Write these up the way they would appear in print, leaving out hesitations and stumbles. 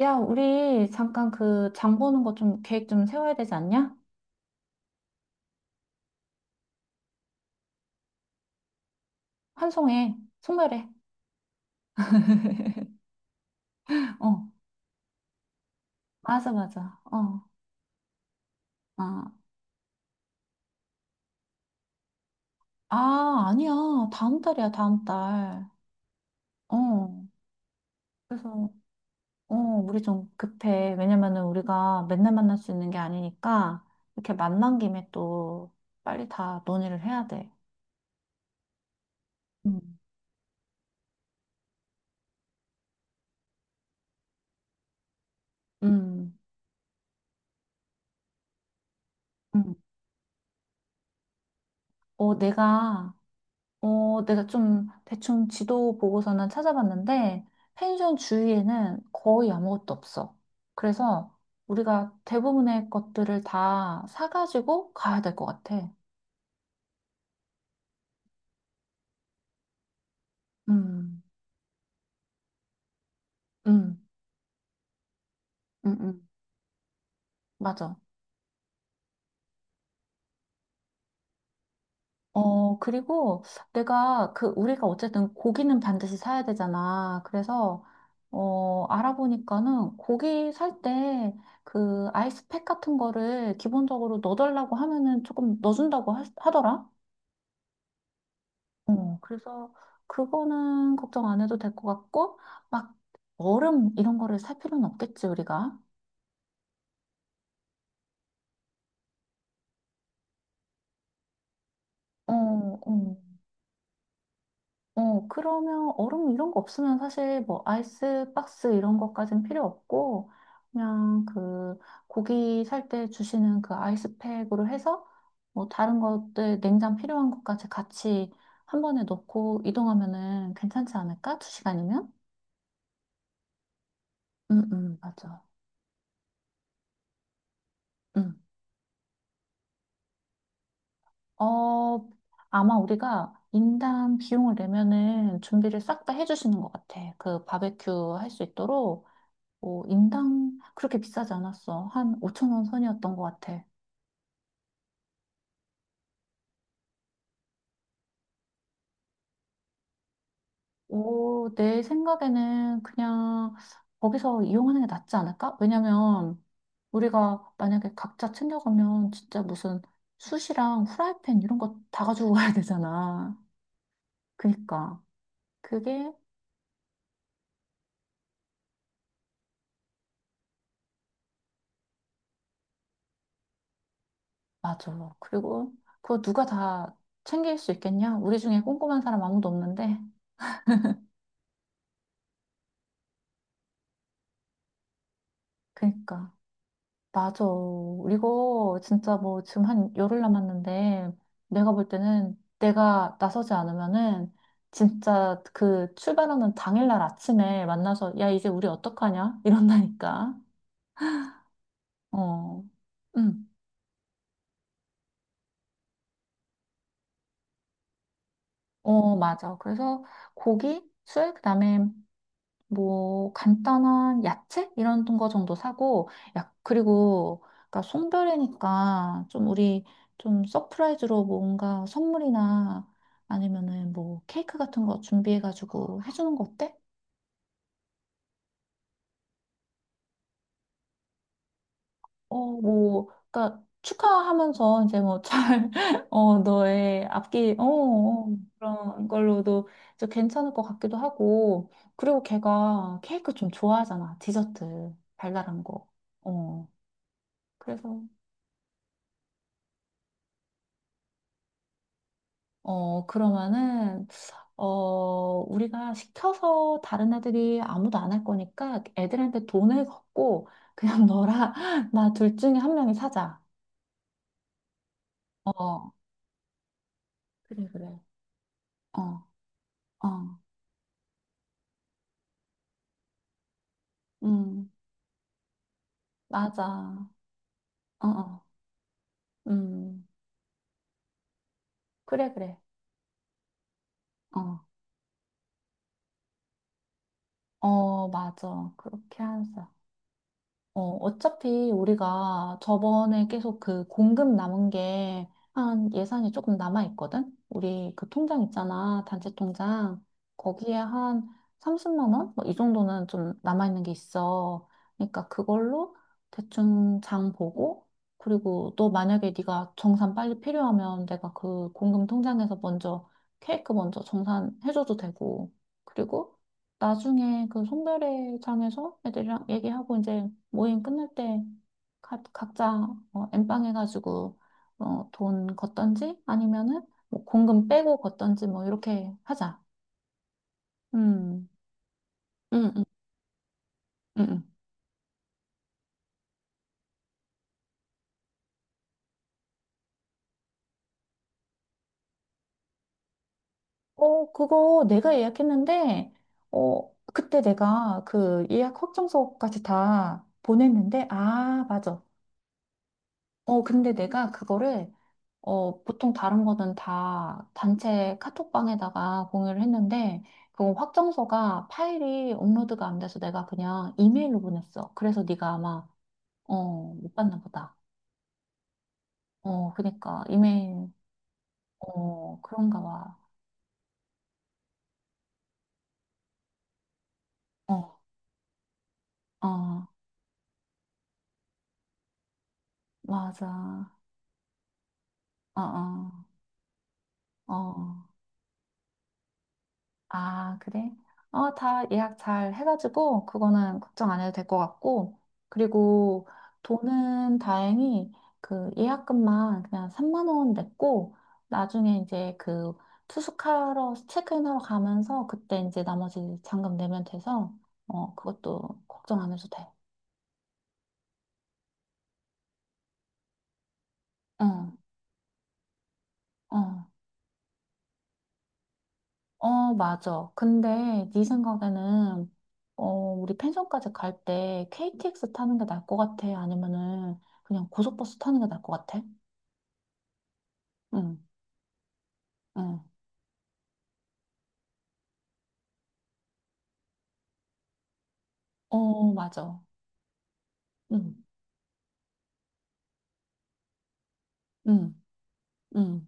야, 우리 잠깐 그 장 보는 거 좀 계획 좀 세워야 되지 않냐? 환송해. 송별해. 어, 맞아, 맞아. 아, 아, 아니야. 다음 달이야, 다음 달. 어, 그래서, 우리 좀 급해. 왜냐면은 우리가 맨날 만날 수 있는 게 아니니까, 이렇게 만난 김에 또 빨리 다 논의를 해야 돼. 음, 음, 음. 어, 내가 내가 좀 대충 지도 보고서는 찾아봤는데, 펜션 주위에는 거의 아무것도 없어. 그래서 우리가 대부분의 것들을 다 사가지고 가야 될 것 같아. 음, 음, 음, 음, 맞아. 어, 그리고 내가 우리가 어쨌든 고기는 반드시 사야 되잖아. 그래서, 알아보니까는 고기 살 때 그 아이스팩 같은 거를 기본적으로 넣어달라고 하면은 조금 넣어준다고 하더라. 어, 그래서 그거는 걱정 안 해도 될 것 같고, 막 얼음 이런 거를 살 필요는 없겠지, 우리가. 어, 어, 그러면 얼음 이런 거 없으면 사실 뭐 아이스 박스 이런 것까진 필요 없고, 그냥 그 고기 살 때 주시는 그 아이스팩으로 해서 뭐 다른 것들 냉장 필요한 것까지 같이 한 번에 넣고 이동하면은 괜찮지 않을까? 두 시간이면? 응, 응, 맞아. 어, 아마 우리가 인당 비용을 내면은 준비를 싹 다 해주시는 것 같아. 그 바베큐 할 수 있도록, 뭐, 인당 그렇게 비싸지 않았어. 한 5천 원 선이었던 것 같아. 오, 내 생각에는 그냥 거기서 이용하는 게 낫지 않을까? 왜냐면 우리가 만약에 각자 챙겨가면 진짜 무슨 숯이랑 후라이팬 이런 거 다 가지고 가야 되잖아. 그니까. 그게 맞아. 그리고 그거 누가 다 챙길 수 있겠냐? 우리 중에 꼼꼼한 사람 아무도 없는데. 그니까. 맞아. 이거 진짜 뭐 지금 한 10일 남았는데 내가 볼 때는 내가 나서지 않으면은 진짜 그 출발하는 당일날 아침에 만나서 야, 이제 우리 어떡하냐? 이런다니까. 어. 응. 어, 맞아. 그래서 고기, 술, 그다음에 뭐 간단한 야채 이런 거 정도 사고 야 그리고 그러니까 송별회니까 좀 우리 좀 서프라이즈로 뭔가 선물이나 아니면은 뭐 케이크 같은 거 준비해가지고 해주는 거 어때? 어뭐 그러니까 축하하면서 이제 뭐잘어 너의 앞길 그런 걸로도 좀 괜찮을 것 같기도 하고 그리고 걔가 케이크 좀 좋아하잖아. 디저트 달달한 거. 어. 그래서 어, 그러면은, 어, 우리가 시켜서 다른 애들이 아무도 안 할 거니까 애들한테 돈을 걷고 그냥 너랑 나 둘 중에 한 명이 사자. 어, 그래, 그래. 어, 어, 음, 맞아. 어, 어, 음, 그래, 그래. 어, 맞아. 그렇게 하자. 어, 어차피 우리가 저번에 계속 그 공급 남은 게 한 예산이 조금 남아 있거든? 우리 그 통장 있잖아, 단체 통장. 거기에 한 30만 원? 뭐 이 정도는 좀 남아 있는 게 있어. 그러니까 그걸로 대충 장 보고 그리고 또 만약에 네가 정산 빨리 필요하면 내가 그 공금 통장에서 먼저 케이크 먼저 정산해줘도 되고. 그리고 나중에 그 송별회장에서 애들이랑 얘기하고 이제 모임 끝날 때 각자 어, 엠빵 해가지고 어, 돈 걷던지 아니면은 뭐 공금 빼고 걷던지 뭐 이렇게 하자. 음, 음, 음, 음. 음. 어, 그거 내가 예약했는데 어, 그때 내가 그 예약 확정서까지 다 보냈는데 아, 맞아. 어, 근데 내가 그거를 보통 다른 거는 다 단체 카톡방에다가 공유를 했는데, 그건 확정서가 파일이 업로드가 안 돼서 내가 그냥 이메일로 보냈어. 그래서 네가 아마, 어, 못 봤나 보다. 어, 그니까, 이메일, 어, 그런가 봐. 어, 어, 맞아. 어, 어, 어. 아, 그래? 어, 다 예약 잘 해가지고, 그거는 걱정 안 해도 될 것 같고, 그리고 돈은 다행히 그 예약금만 그냥 3만 원 냈고, 나중에 이제 그 투숙하러, 체크인하러 가면서, 그때 이제 나머지 잔금 내면 돼서, 어, 그것도 걱정 안 해도 돼. 응, 어. 어, 맞아. 근데 네 생각에는 어, 우리 펜션까지 갈 때 KTX 타는 게 나을 것 같아? 아니면은 그냥 고속버스 타는 게 나을 것 같아? 응, 응. 어, 맞아. 응, 응, 응.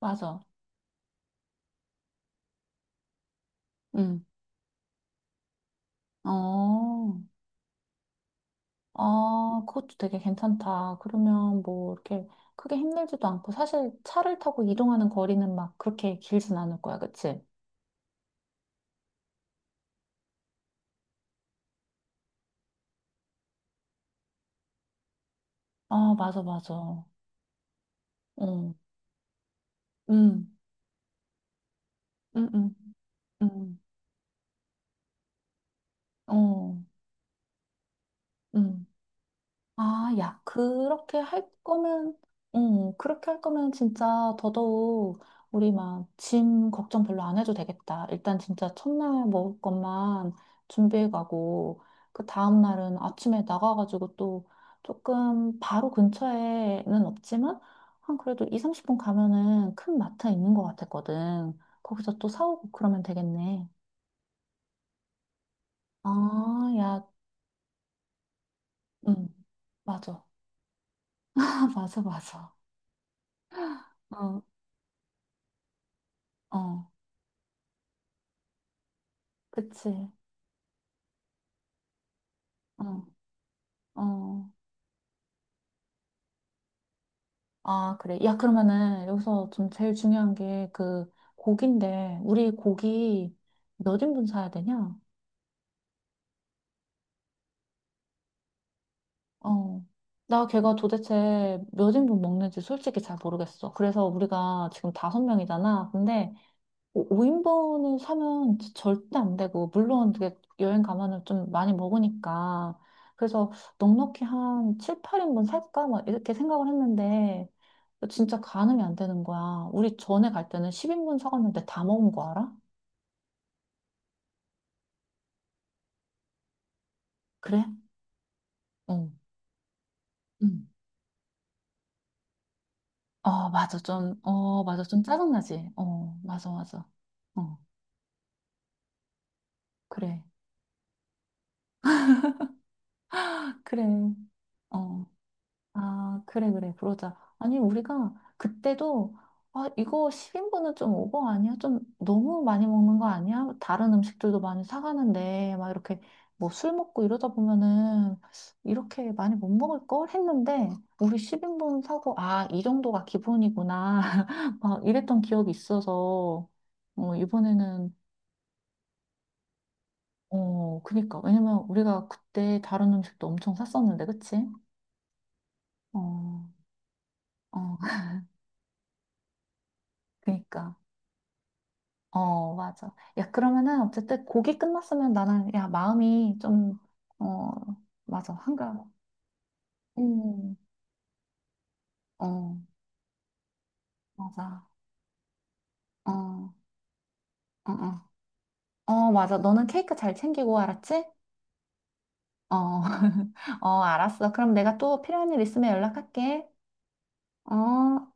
맞아. 응. 어, 아, 그것도 되게 괜찮다. 그러면 뭐 이렇게 크게 힘들지도 않고 사실 차를 타고 이동하는 거리는 막 그렇게 길진 않을 거야, 그치? 아, 맞아, 맞아. 응, 응, 응, 응. 어, 음. 아, 야, 그렇게 할 거면, 그렇게 할 거면 진짜 더더욱 우리 막 짐 걱정 별로 안 해도 되겠다. 일단 진짜 첫날 먹을 것만 준비해 가고, 그 다음날은 아침에 나가가지고 또 조금 바로 근처에는 없지만, 한 그래도 2, 30분 가면은 큰 마트 있는 것 같았거든. 거기서 또 사오고 그러면 되겠네. 아, 야, 음, 맞아. 아, 맞아, 맞아. 어. 어, 그치. 어, 어. 아, 그래. 야, 그러면은 여기서 좀 제일 중요한 게 그 고기인데, 우리 고기 몇 인분 사야 되냐? 어. 나 걔가 도대체 몇 인분 먹는지 솔직히 잘 모르겠어. 그래서 우리가 지금 다섯 명이잖아. 근데 5인분을 사면 절대 안 되고, 물론 그게 여행 가면은 좀 많이 먹으니까. 그래서 넉넉히 한 7, 8인분 살까? 막 이렇게 생각을 했는데, 진짜 가늠이 안 되는 거야. 우리 전에 갈 때는 10인분 사갔는데 다 먹은 거 알아? 그래? 어. 응. 어, 맞아. 좀, 어, 맞아. 좀 짜증나지? 어, 맞아, 맞아. 어, 그래. 그래. 어. 아, 그래, 그래, 그러자. 아니, 우리가 그때도, 아, 이거 10인분은 좀 오버 아니야? 좀 너무 많이 먹는 거 아니야? 다른 음식들도 많이 사가는데, 막 이렇게 뭐 술 먹고 이러다 보면은 이렇게 많이 못 먹을 걸 했는데, 우리 10인분 사고, 아, 이 정도가 기본이구나. 막 이랬던 기억이 있어서, 어, 이번에는, 어, 그니까. 왜냐면 우리가 그때 다른 음식도 엄청 샀었는데, 그치? 어, 어, 그니까. 어, 맞아. 야, 그러면은 어쨌든 곡이 끝났으면 나는 야, 마음이 좀 어, 맞아. 한가. 음. 어, 맞아. 어, 어, 어. 어, 맞아. 너는 케이크 잘 챙기고 알았지? 어. 어, 알았어. 그럼 내가 또 필요한 일 있으면 연락할게. 어.